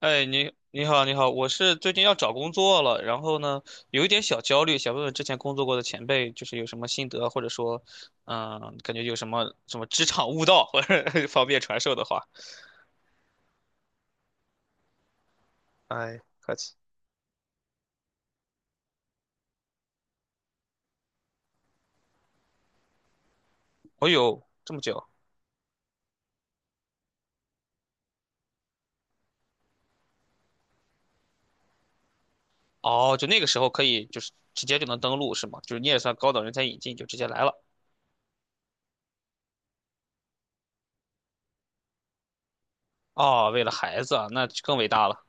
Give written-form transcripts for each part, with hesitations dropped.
哎，你好，你好，我是最近要找工作了，然后呢，有一点小焦虑，想问问之前工作过的前辈，就是有什么心得，或者说，嗯，感觉有什么职场悟道，或者 方便传授的话。哎，客气。哦呦，这么久？哦，就那个时候可以，就是直接就能登录是吗？就是你也算高等人才引进，就直接来了。哦，为了孩子啊，那就更伟大了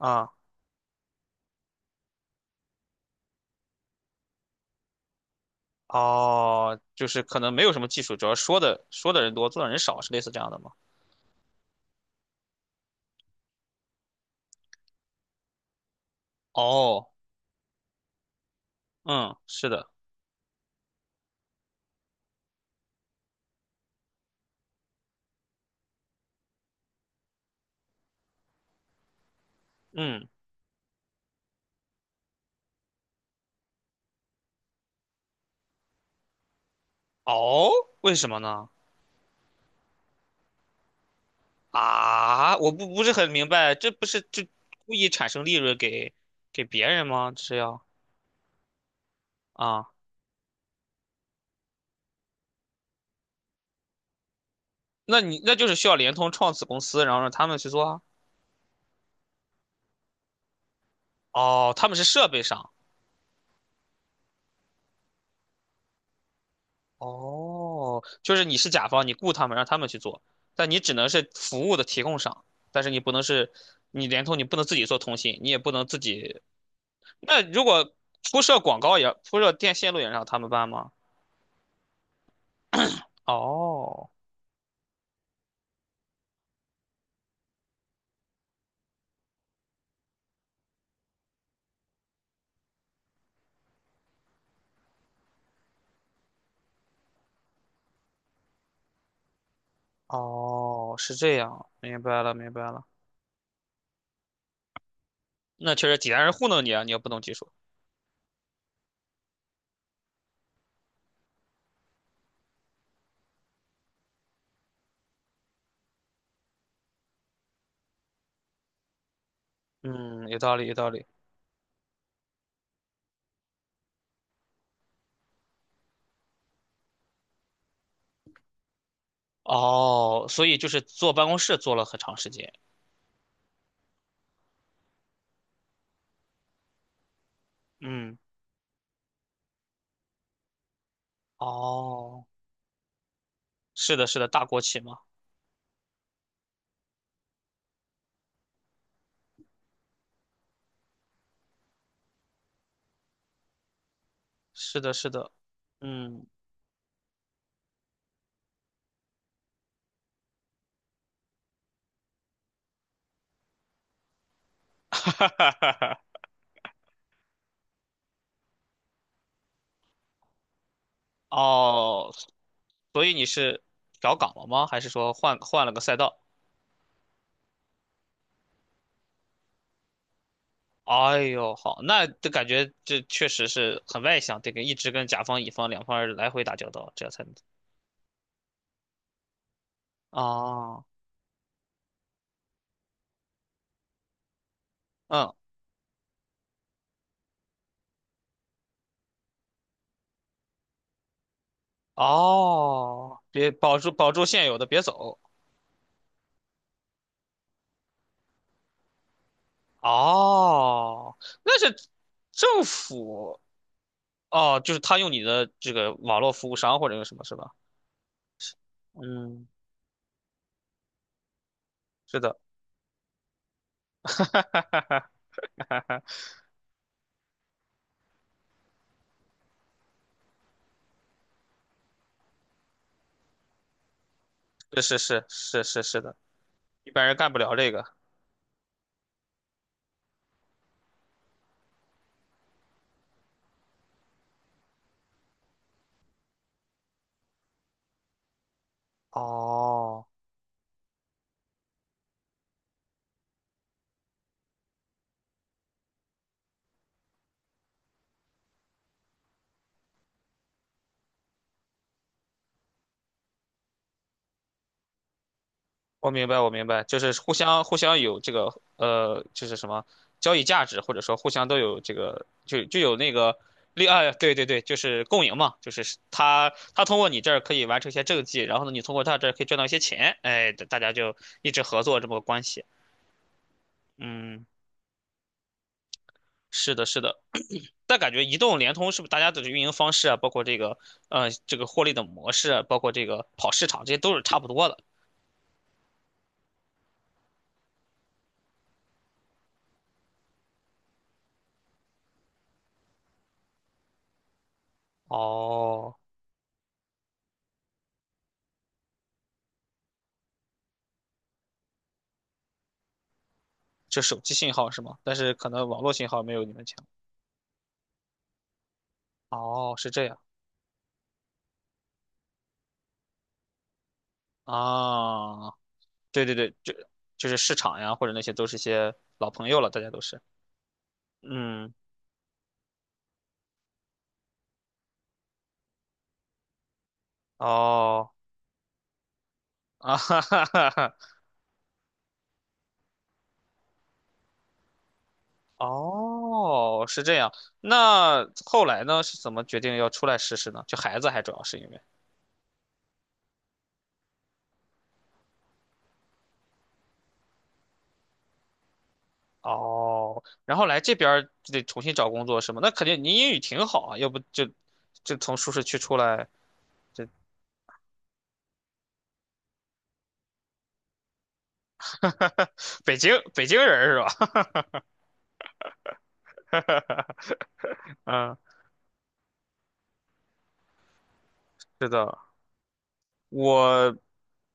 啊。哦，就是可能没有什么技术，主要说的人多，做的人少，是类似这样的吗？哦，嗯，是的。嗯，哦，为什么呢？啊，我不是很明白，这不是就故意产生利润给别人吗？这是要啊，那你那就是需要联通创子公司，然后让他们去做啊。哦，他们是设备商。哦，就是你是甲方，你雇他们让他们去做，但你只能是服务的提供商，但是你不能是你联通，你不能自己做通信，你也不能自己。那如果铺设广告也铺设电线路也让他们办吗？哦。哦，是这样，明白了，明白了。那确实，济南人糊弄你啊，你要不懂技术。嗯，有道理，有道理。哦，所以就是坐办公室坐了很长时间。嗯，哦，是的，是的，大国企嘛。是的，是的。嗯，哈哈哈哈。哦，所以你是调岗了吗？还是说换了个赛道？哎呦，好，那这感觉这确实是很外向，得跟一直跟甲方乙方两方来回打交道，这样才能。哦，嗯哦，别保住现有的，别走。哦，那是政府哦，就是他用你的这个网络服务商或者用什么是吧？嗯，是的，是的，一般人干不了这个。哦。我明白，我明白，就是互相有这个呃，就是什么交易价值，或者说互相都有这个，就有那个利啊，对，就是共赢嘛，就是他通过你这儿可以完成一些政绩，然后呢，你通过他这儿可以赚到一些钱，哎，大家就一直合作这么个关系。嗯，是的，是的。但感觉移动、联通是不是大家的运营方式啊，包括这个呃获利的模式啊，包括这个跑市场，这些都是差不多的。哦，就手机信号是吗？但是可能网络信号没有你们强。哦，是这样啊，对，就是市场呀，或者那些都是些老朋友了，大家都是，嗯，哦，啊哈哈哈哈，哦，是这样。那后来呢，是怎么决定要出来试试呢？就孩子还主要是因为，哦，然后来这边儿就得重新找工作是吗？那肯定您英语挺好啊，要不就就从舒适区出来，这 北京人是吧？嗯，是的。我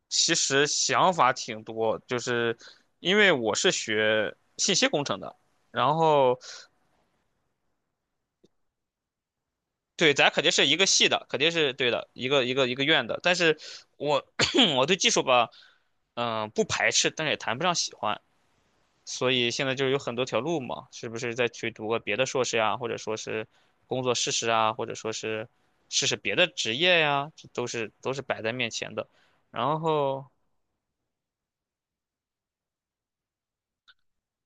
其实想法挺多，就是因为我是学信息工程的，然后对，咱肯定是一个系的，肯定是对的，一个院的。但是我 我对技术吧，嗯、不排斥，但是也谈不上喜欢，所以现在就是有很多条路嘛，是不是再去读个别的硕士呀，或者说是工作试试啊，或者说是试试别的职业呀，这都是都是摆在面前的。然后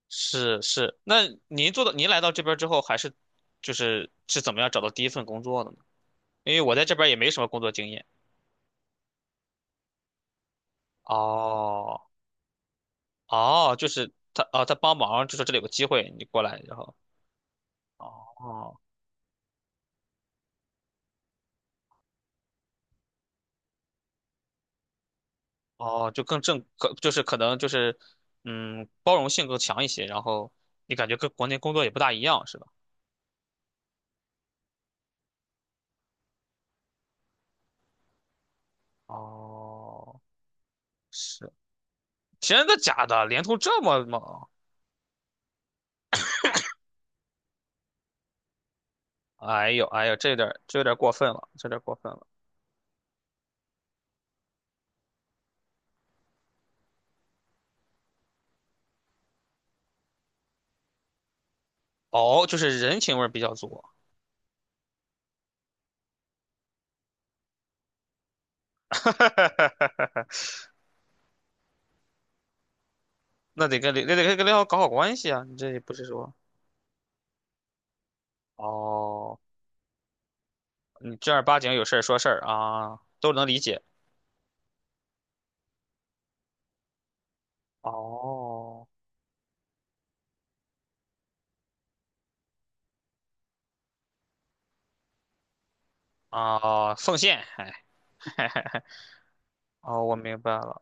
是是，那您您来到这边儿之后，还是是怎么样找到第一份工作的呢？因为我在这边儿也没什么工作经验。哦哦，就是他啊，他帮忙就说这里有个机会，你过来，然后哦哦，就更正可就是可能就是嗯，包容性更强一些，然后你感觉跟国内工作也不大一样，是吧？哦，是真的假的？联通这么猛？哎呦哎呦，这有点儿过分了，这有点儿过分了。哦，就是人情味儿比较足，那得那得跟领导搞好关系啊！你这也不是说哦，你正儿八经有事儿说事儿啊，都能理解。哦，啊，奉献，哎，哦，我明白了，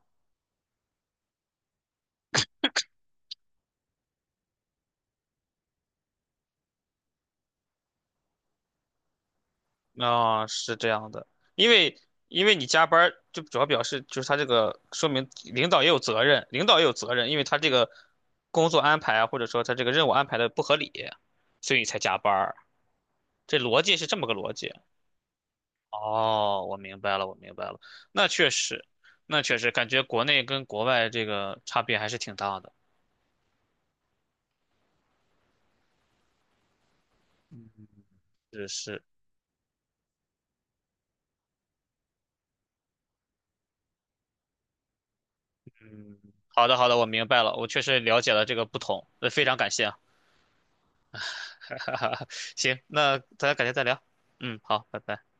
啊，是这样的，因为因为你加班儿，就主要表示就是他这个说明领导也有责任，领导也有责任，因为他这个工作安排啊，或者说他这个任务安排的不合理，所以才加班儿，这逻辑是这么个逻辑。哦，我明白了，我明白了。那确实，那确实感觉国内跟国外这个差别还是挺大的。嗯，是是，嗯，好的好的，我明白了，我确实了解了这个不同，呃非常感谢啊。行，那咱改天再聊。嗯，好，拜拜。